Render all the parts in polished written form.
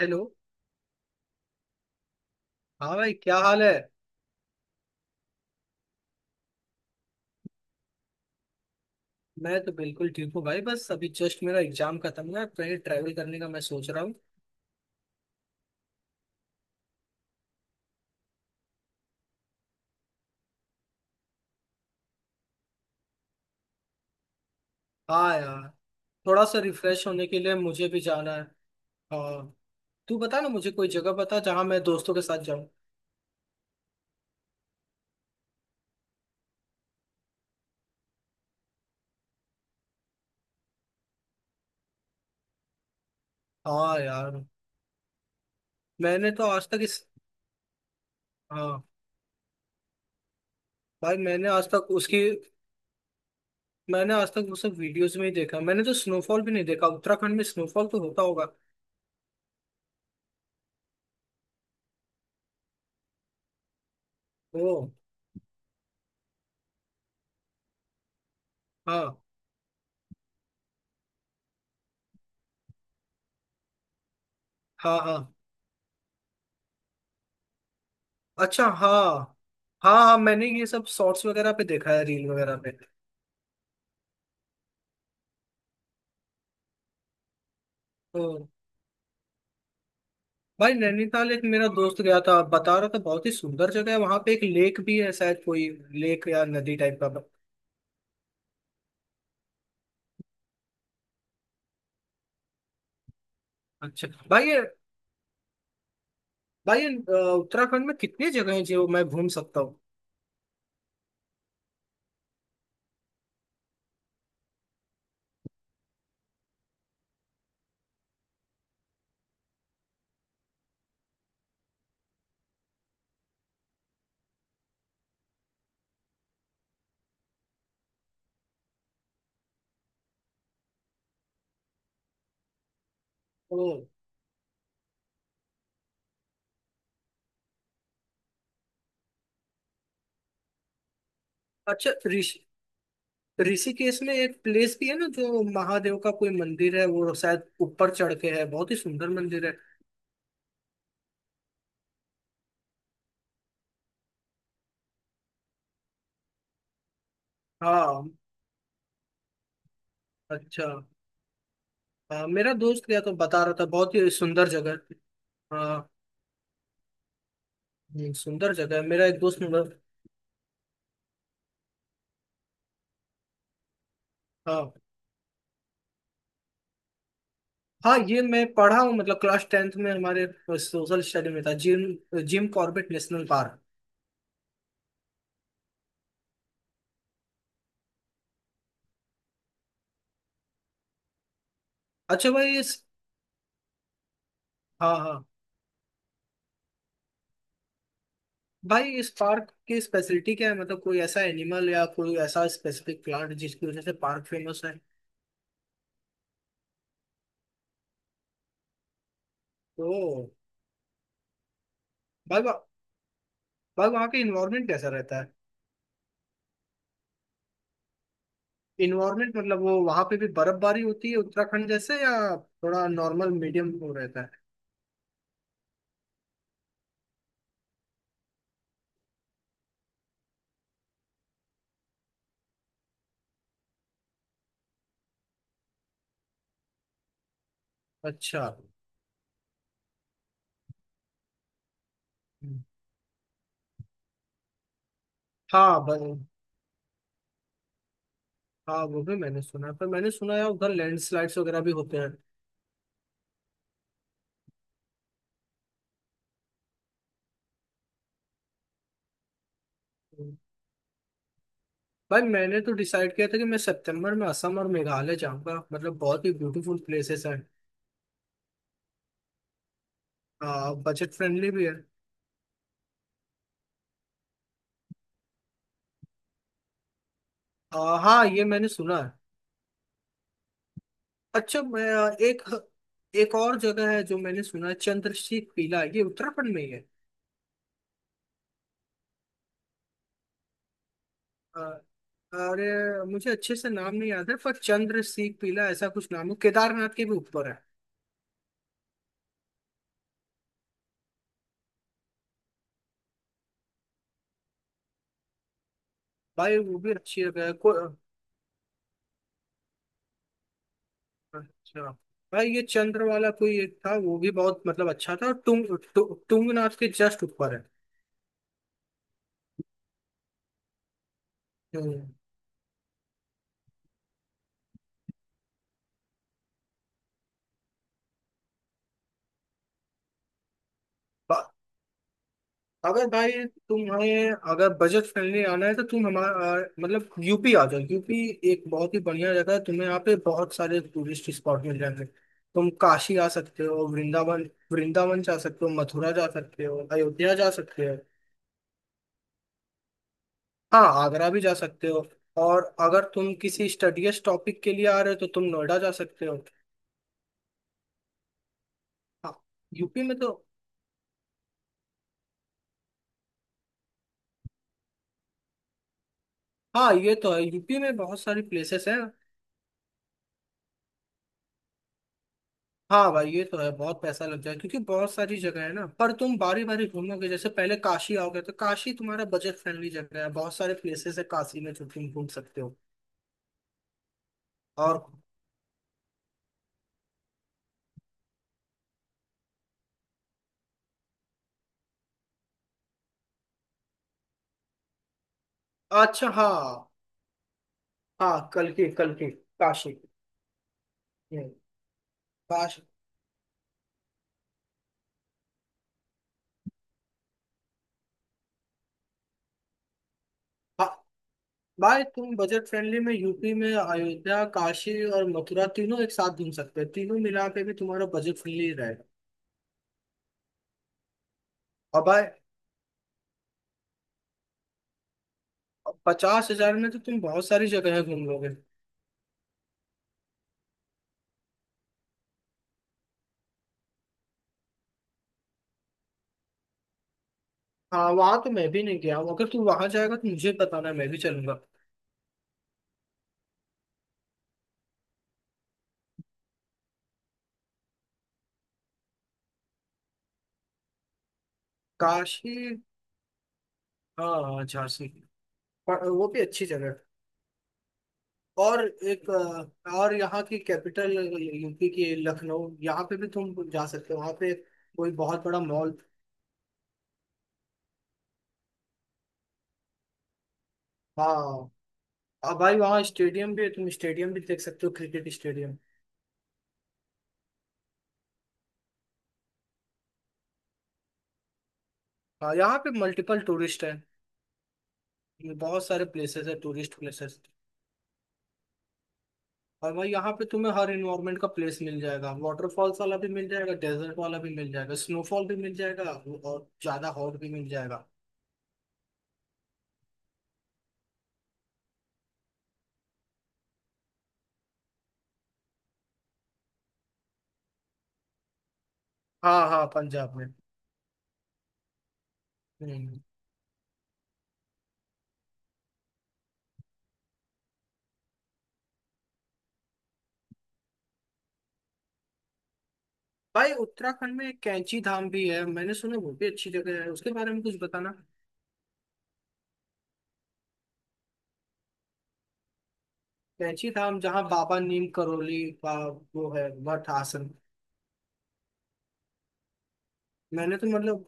Hello. हाँ भाई, क्या हाल है? मैं तो बिल्कुल ठीक हूँ भाई, बस अभी जस्ट मेरा एग्जाम खत्म हुआ है, कहीं ट्रैवल करने का मैं सोच रहा हूँ। हाँ यार। थोड़ा सा रिफ्रेश होने के लिए मुझे भी जाना है। हाँ। तू बता ना, मुझे कोई जगह बता जहाँ मैं दोस्तों के साथ जाऊँ। हाँ यार। मैंने तो आज तक इस हाँ। भाई, मैंने आज तक वो सब वीडियोस में ही देखा। मैंने तो स्नोफॉल भी नहीं देखा, उत्तराखंड में स्नोफॉल तो होता होगा। ओ हाँ, हाँ, हाँ। अच्छा, हाँ। हाँ हाँ, मैंने ये सब शॉर्ट्स वगैरह पे देखा है, रील वगैरह पे। तो भाई, नैनीताल एक मेरा दोस्त गया था, बता रहा था बहुत ही सुंदर जगह है, वहां पे एक लेक भी है शायद, कोई लेक या नदी टाइप का। अच्छा। भाई ये, अ, उत्तराखंड में कितनी जगह है जो मैं घूम सकता हूँ? ओ। अच्छा, ऋषिकेश में एक प्लेस भी है ना जो महादेव का कोई मंदिर है, वो शायद ऊपर चढ़ के है, बहुत ही सुंदर मंदिर है। हाँ। अच्छा। हाँ, मेरा दोस्त गया तो बता रहा था बहुत ही सुंदर जगह है। हाँ। सुंदर जगह है, मेरा एक दोस्त मतलब। हाँ हाँ, ये मैं पढ़ा हूँ, मतलब क्लास टेंथ में हमारे सोशल स्टडी में था, Jim Jim Corbett national park. अच्छा भाई इस हाँ हाँ, भाई इस पार्क की स्पेशलिटी क्या है? मतलब कोई ऐसा एनिमल या कोई ऐसा स्पेसिफिक प्लांट जिसकी वजह से पार्क फेमस है? तो भाई वहाँ- भाई वहाँ का इन्वायरमेंट कैसा रहता है? इन्वायरमेंट मतलब, वो वहाँ पे भी बर्फबारी होती है उत्तराखंड जैसे, या थोड़ा नॉर्मल मीडियम वो रहता है? अच्छा। हम्म। हाँ। हाँ, वो भी मैंने सुना है, पर मैंने सुना है उधर लैंडस्लाइड्स वगैरह भी होते हैं। हम्म। भाई मैंने तो डिसाइड किया था कि मैं सितंबर में असम और मेघालय जाऊंगा, मतलब बहुत ही ब्यूटीफुल प्लेसेस हैं, बजट फ्रेंडली भी है। हाँ ये मैंने सुना है। अच्छा। मैं आ, एक एक और जगह है जो मैंने सुना है, चंद्रशीख पीला, ये उत्तराखंड में ही है। आ, अरे, मुझे अच्छे से नाम नहीं याद है, पर चंद्रशीख पीला ऐसा कुछ नाम है, केदारनाथ के भी ऊपर है। भाई वो भी अच्छी जगह है अच्छा भाई, ये चंद्र वाला कोई एक था, वो भी बहुत मतलब अच्छा था, तुंग, तु, तुंगनाथ के जस्ट ऊपर है। हम्म। ब- अगर भाई तुम्हें, अगर बजट फ्रेंडली आना है तो तुम हमारा मतलब यूपी आ जाओ। यूपी एक बहुत ही बढ़िया जगह है, तुम्हें यहाँ पे बहुत सारे टूरिस्ट स्पॉट मिल जाएंगे, तुम काशी आ सकते हो, वृंदावन वृंदावन जा सकते हो, मथुरा जा सकते हो, अयोध्या जा सकते हो। हाँ, आगरा भी जा सकते हो। और अगर तुम किसी स्टडीज टॉपिक के लिए आ रहे हो तो तुम नोएडा जा सकते हो। हाँ। यूपी में तो हाँ ये तो है, यूपी में बहुत सारी प्लेसेस हैं। हाँ भाई, ये तो है, बहुत पैसा लग जाए क्योंकि बहुत सारी जगह है ना, पर तुम बारी बारी घूमोगे, जैसे पहले काशी आओगे तो काशी तुम्हारा बजट फ्रेंडली जगह है, बहुत सारे प्लेसेस है काशी में जो तुम घूम सकते हो। और। अच्छा। हाँ, हाँ कल्कि, कल्कि। काशी। हम्म, काशी। हाँ भाई, तुम बजट फ्रेंडली में यूपी में अयोध्या, काशी और मथुरा तीनों एक साथ घूम सकते हो, तीनों मिला के भी तुम्हारा बजट फ्रेंडली रहेगा। और भाई, 50,000 में तो तुम बहुत सारी जगह घूम लोगे। हाँ, वहां तो मैं भी नहीं गया हूँ, अगर तू वहां जाएगा तो मुझे बताना, मैं भी चलूंगा। काशी। हाँ, झांसी। पर वो भी अच्छी जगह है। और एक और, यहाँ की कैपिटल, यूपी की लखनऊ, यहाँ पे भी तुम जा सकते हो, वहाँ पे कोई बहुत बड़ा मॉल। हाँ। अब भाई, वहाँ स्टेडियम भी है, तुम स्टेडियम भी देख सकते हो, क्रिकेट स्टेडियम। हाँ, यहाँ पे मल्टीपल टूरिस्ट है, बहुत सारे प्लेसेस है, टूरिस्ट प्लेसेस। और भाई, यहाँ पे तुम्हें हर इन्वायरमेंट का प्लेस मिल जाएगा, वाटरफॉल्स वाला भी मिल जाएगा, डेजर्ट वाला भी मिल जाएगा, स्नोफॉल भी मिल जाएगा और ज्यादा हॉट भी मिल जाएगा। हाँ हाँ, पंजाब में। हम्म। भाई, उत्तराखंड में एक कैंची धाम भी है मैंने सुना, वो भी अच्छी जगह है, उसके बारे में कुछ बताना। कैंची धाम जहाँ बाबा नीम करोली का वो है, मठ आसन। मैंने तो मतलब,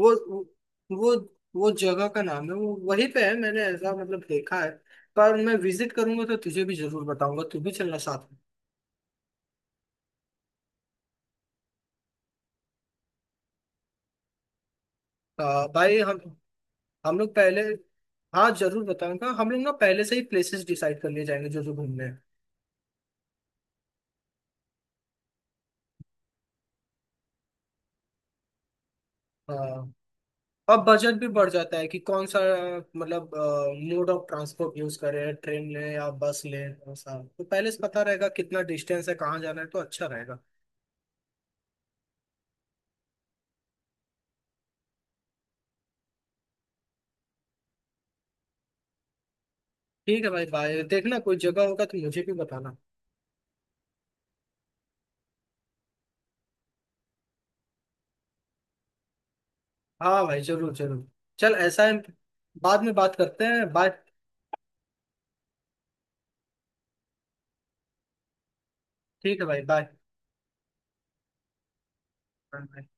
वो वो वो जगह का नाम है, वो वहीं पे है, मैंने ऐसा मतलब देखा है, पर मैं विजिट करूंगा तो तुझे भी जरूर बताऊंगा, तू भी चलना साथ। भाई, हम लोग पहले हाँ, जरूर बताऊंगा, हम लोग ना पहले से ही प्लेसेस डिसाइड कर लिए जाएंगे जो जो घूमने हैं। हाँ। अब बजट भी बढ़ जाता है कि कौन सा, मतलब मोड ऑफ ट्रांसपोर्ट यूज करें, ट्रेन लें या बस लें, कौन सा तो पहले से पता रहेगा, कितना डिस्टेंस है, कहाँ जाना है, तो अच्छा रहेगा। ठीक है भाई, भाई देखना, कोई जगह होगा तो मुझे भी बताना। हाँ भाई, जरूर जरूर। चल, ऐसा है, बाद में बात करते हैं, बाय। ठीक है भाई, बाय।